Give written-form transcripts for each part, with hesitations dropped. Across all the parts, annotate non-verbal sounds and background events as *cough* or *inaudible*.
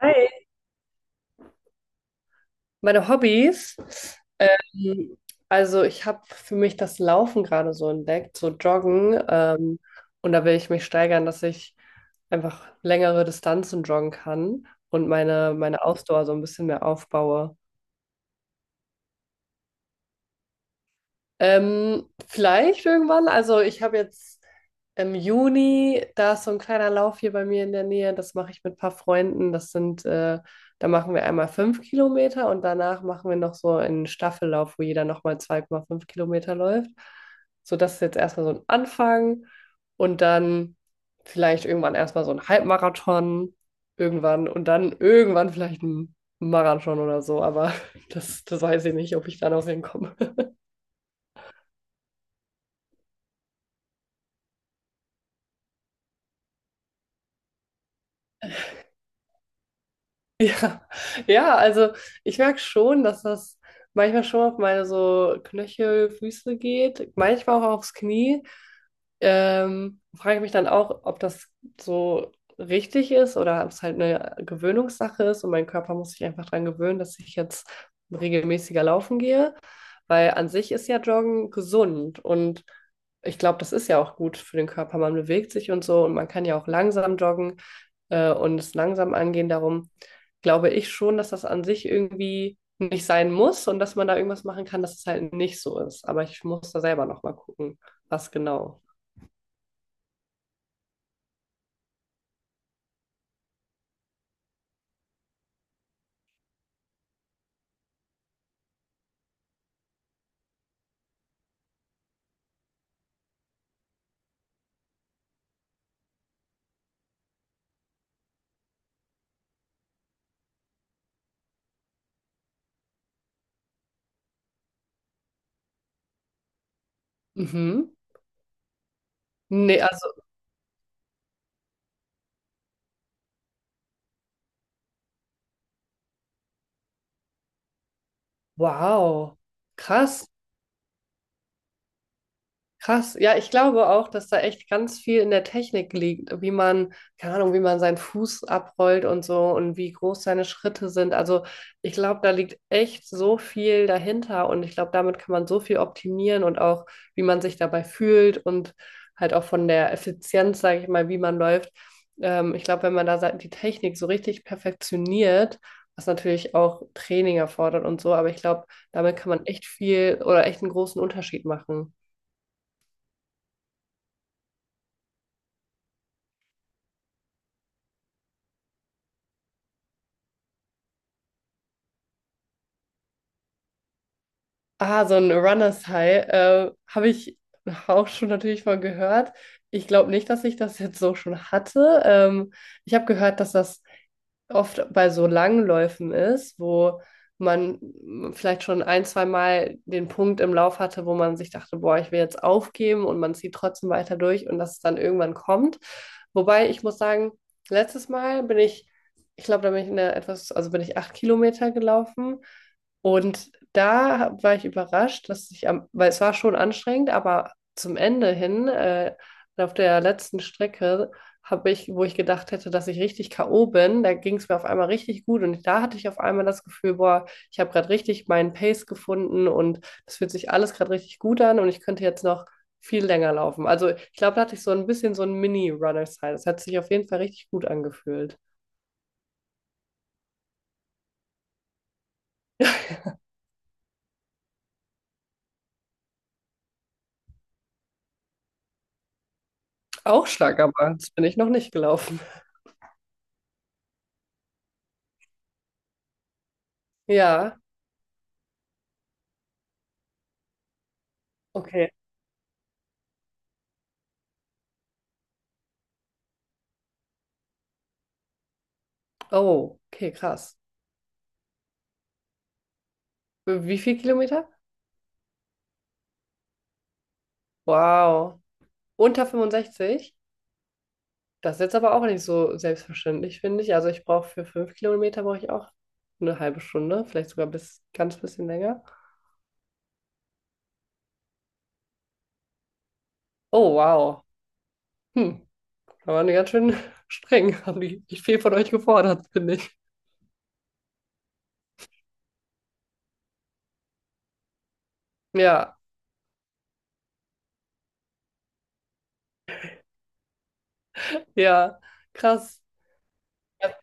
Hi. Meine Hobbys. Ähm, also ich habe für mich das Laufen gerade so entdeckt, so Joggen. Und da will ich mich steigern, dass ich einfach längere Distanzen joggen kann und meine Ausdauer so ein bisschen mehr aufbaue. Vielleicht irgendwann. Also ich habe jetzt im Juni, da ist so ein kleiner Lauf hier bei mir in der Nähe. Das mache ich mit ein paar Freunden. Da machen wir einmal 5 km und danach machen wir noch so einen Staffellauf, wo jeder nochmal 2,5 km läuft. So, das ist jetzt erstmal so ein Anfang und dann vielleicht irgendwann erstmal so ein Halbmarathon irgendwann und dann irgendwann vielleicht ein Marathon oder so. Aber *laughs* das weiß ich nicht, ob ich da noch hinkomme. Ja, ja, also ich merke schon, dass das manchmal schon auf meine so Knöchel, Füße geht, manchmal auch aufs Knie. Frage ich mich dann auch, ob das so richtig ist oder ob es halt eine Gewöhnungssache ist und mein Körper muss sich einfach daran gewöhnen, dass ich jetzt regelmäßiger laufen gehe, weil an sich ist ja Joggen gesund und ich glaube, das ist ja auch gut für den Körper. Man bewegt sich und so und man kann ja auch langsam joggen und es langsam angehen. Darum glaube ich schon, dass das an sich irgendwie nicht sein muss und dass man da irgendwas machen kann, dass es halt nicht so ist. Aber ich muss da selber noch mal gucken, was genau. Mhm. Nee, also, wow. Krass. Krass, ja, ich glaube auch, dass da echt ganz viel in der Technik liegt, wie man, keine Ahnung, wie man seinen Fuß abrollt und so und wie groß seine Schritte sind. Also ich glaube, da liegt echt so viel dahinter und ich glaube, damit kann man so viel optimieren und auch, wie man sich dabei fühlt und halt auch von der Effizienz, sage ich mal, wie man läuft. Ich glaube, wenn man die Technik so richtig perfektioniert, was natürlich auch Training erfordert und so, aber ich glaube, damit kann man echt viel oder echt einen großen Unterschied machen. Ah, so ein Runners High, habe ich auch schon natürlich mal gehört. Ich glaube nicht, dass ich das jetzt so schon hatte. Ich habe gehört, dass das oft bei so langen Läufen ist, wo man vielleicht schon ein, zwei Mal den Punkt im Lauf hatte, wo man sich dachte, boah, ich will jetzt aufgeben und man zieht trotzdem weiter durch und dass es dann irgendwann kommt. Wobei ich muss sagen, letztes Mal bin ich, ich glaube, da bin ich in der etwas, also bin ich 8 km gelaufen und war ich überrascht, weil es war schon anstrengend, aber zum Ende hin, auf der letzten Strecke wo ich gedacht hätte, dass ich richtig K.O. bin, da ging es mir auf einmal richtig gut und da hatte ich auf einmal das Gefühl, boah, ich habe gerade richtig meinen Pace gefunden und es fühlt sich alles gerade richtig gut an und ich könnte jetzt noch viel länger laufen. Also ich glaube, da hatte ich so ein bisschen so ein Mini-Runner-Style. Das hat sich auf jeden Fall richtig gut angefühlt. Auch stark, aber das bin ich noch nicht gelaufen. Ja, okay. Oh, okay, krass. Wie viel Kilometer? Wow. Unter 65? Das ist jetzt aber auch nicht so selbstverständlich, finde ich. Also ich brauche für fünf Kilometer brauche ich auch eine halbe Stunde, vielleicht sogar bis ganz bisschen länger. Oh, wow. Hm, da waren die ganz schön *laughs* streng. Haben die nicht viel von euch gefordert, finde ich. Ja, ja, krass. Ja,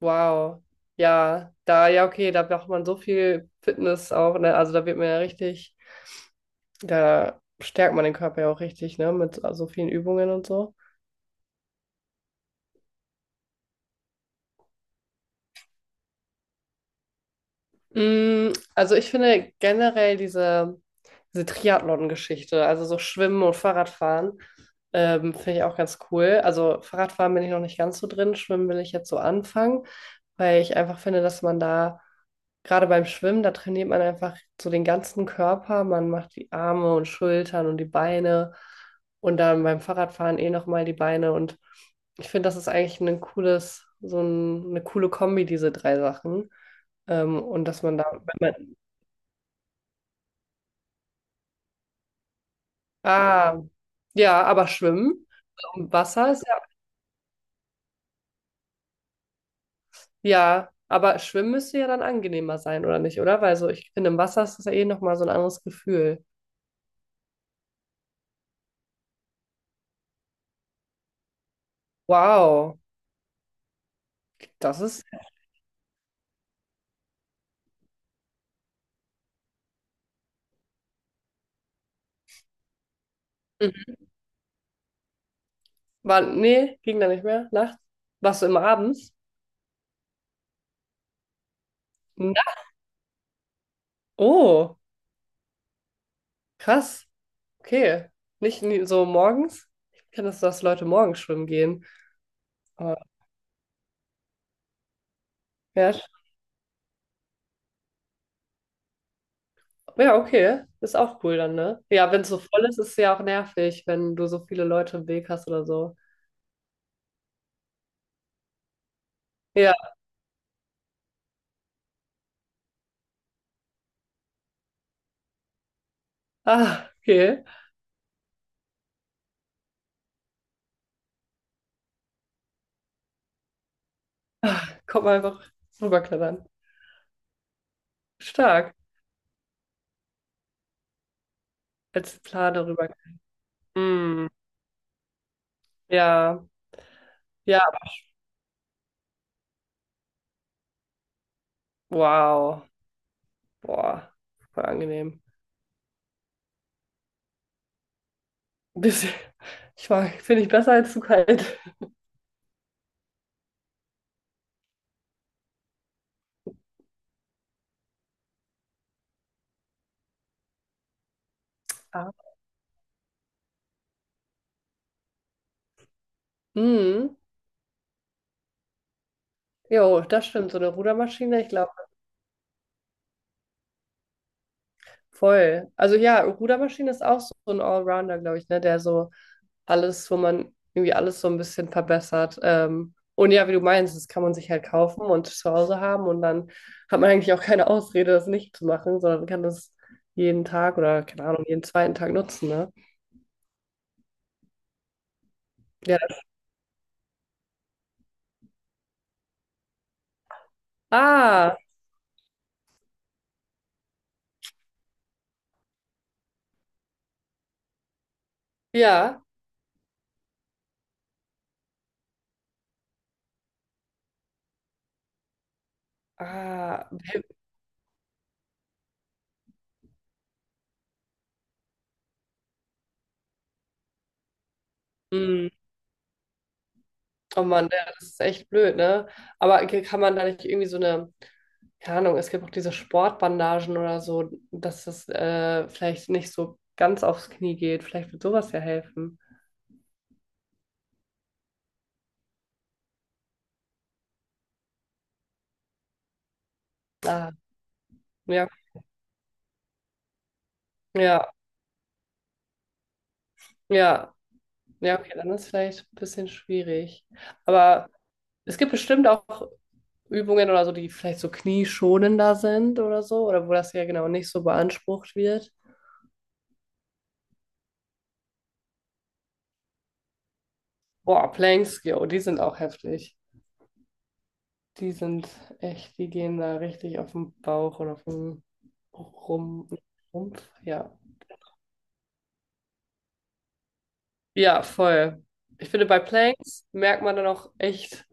wow. Ja, da, ja, okay, da braucht man so viel Fitness auch, ne? Also da wird man ja richtig, da stärkt man den Körper ja auch richtig, ne? Mit so vielen Übungen und so. Mm, also ich finde generell diese Triathlon-Geschichte, also so Schwimmen und Fahrradfahren, finde ich auch ganz cool. Also Fahrradfahren bin ich noch nicht ganz so drin, Schwimmen will ich jetzt so anfangen, weil ich einfach finde, dass man da Gerade beim Schwimmen, da trainiert man einfach so den ganzen Körper. Man macht die Arme und Schultern und die Beine und dann beim Fahrradfahren eh nochmal die Beine. Und ich finde, das ist eigentlich eine coole Kombi, diese drei Sachen. Und dass man da, wenn man, ah, ja, aber Schwimmen im Wasser ist ja, ja, aber Schwimmen müsste ja dann angenehmer sein, oder nicht, oder? Weil so, ich finde, im Wasser ist das ja eh nochmal so ein anderes Gefühl. Wow, das ist. War, nee, ging da nicht mehr. Nachts? Warst du immer abends? Na, oh, krass. Okay. Nicht nie- so morgens? Ich kenne das, dass Leute morgens schwimmen gehen. Aber, ja, sch- ja, okay. Ist auch cool dann, ne? Ja, wenn es so voll ist, ist es ja auch nervig, wenn du so viele Leute im Weg hast oder so. Ja. Ah, okay. Kommt mal einfach rüberklettern. Stark. Als Plane rüber. Mm, ja. Ja. Wow. Boah. Voll angenehm. Bisschen. Ich war, finde ich besser als zu kalt. Ah. Mhm. Jo, das stimmt. So eine Rudermaschine, ich glaube, voll. Also ja, Rudermaschine ist auch so ein Allrounder, glaube ich, ne? Der so alles, wo man irgendwie alles so ein bisschen verbessert. Und ja, wie du meinst, das kann man sich halt kaufen und zu Hause haben und dann hat man eigentlich auch keine Ausrede, das nicht zu machen, sondern kann das jeden Tag oder keine Ahnung, jeden zweiten Tag nutzen, ne? Ja. Ah, ja. Ah, hm. Oh Mann, ja, das ist echt blöd, ne? Aber kann man da nicht irgendwie keine Ahnung, es gibt auch diese Sportbandagen oder so, dass das vielleicht nicht so ganz aufs Knie geht. Vielleicht wird sowas ja helfen. Ah, ja, ja, ja, ja, okay, dann ist vielleicht ein bisschen schwierig. Aber es gibt bestimmt auch Übungen oder so, die vielleicht so knieschonender sind oder so, oder wo das ja genau nicht so beansprucht wird. Boah, Planks, yo, die sind auch heftig. Die sind echt, die gehen da richtig auf den Bauch oder auf den Rum, Rumpf. Ja. Ja, voll. Ich finde, bei Planks merkt man dann auch echt,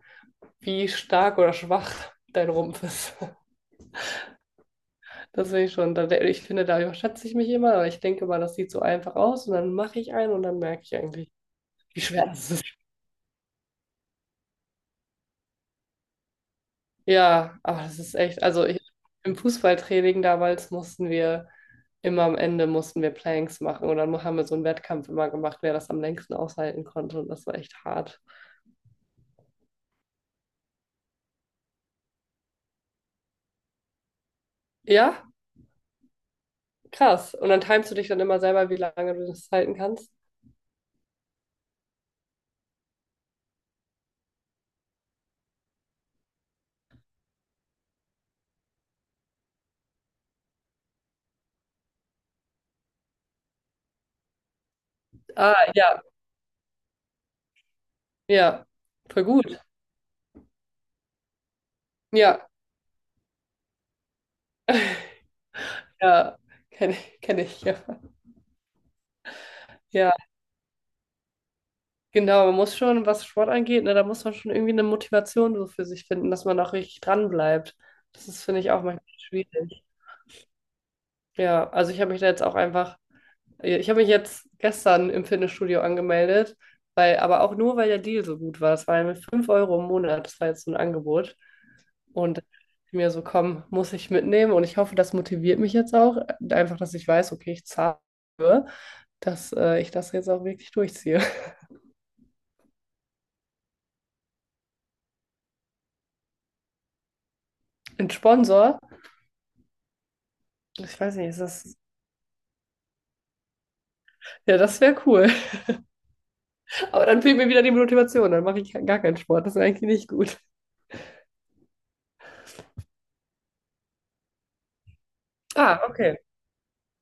wie stark oder schwach dein Rumpf ist. *laughs* Das finde ich schon. Ich finde, da überschätze ich mich immer, aber ich denke mal, das sieht so einfach aus und dann mache ich einen und dann merke ich eigentlich, wie schwer das ist. Ja, ach, das ist echt, also ich, im Fußballtraining damals mussten wir immer am Ende mussten wir Planks machen und dann haben wir so einen Wettkampf immer gemacht, wer das am längsten aushalten konnte und das war echt hart. Ja, krass. Und dann timest du dich dann immer selber, wie lange du das halten kannst. Ah, ja, ja, voll gut. Ja, ja, kenne ich, ja. Ja, genau, man muss schon, was Sport angeht, ne, da muss man schon irgendwie eine Motivation so für sich finden, dass man auch richtig dran bleibt. Das ist, finde ich, auch manchmal schwierig. Ja, also ich habe mich da jetzt auch einfach, Ich habe mich jetzt gestern im Fitnessstudio angemeldet, weil, aber auch nur, weil der Deal so gut war. Das war mit 5 Euro im Monat, das war jetzt so ein Angebot. Und ich mir so, komm, muss ich mitnehmen. Und ich hoffe, das motiviert mich jetzt auch, einfach, dass ich weiß, okay, ich zahle, dass ich das jetzt auch wirklich durchziehe. *laughs* Ein Sponsor, ich weiß nicht, ist das, ja, das wäre cool. *laughs* Aber dann fehlt mir wieder die Motivation, dann mache ich gar keinen Sport. Das ist eigentlich nicht gut. Ah, okay.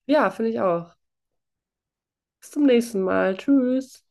Ja, finde ich auch. Bis zum nächsten Mal. Tschüss.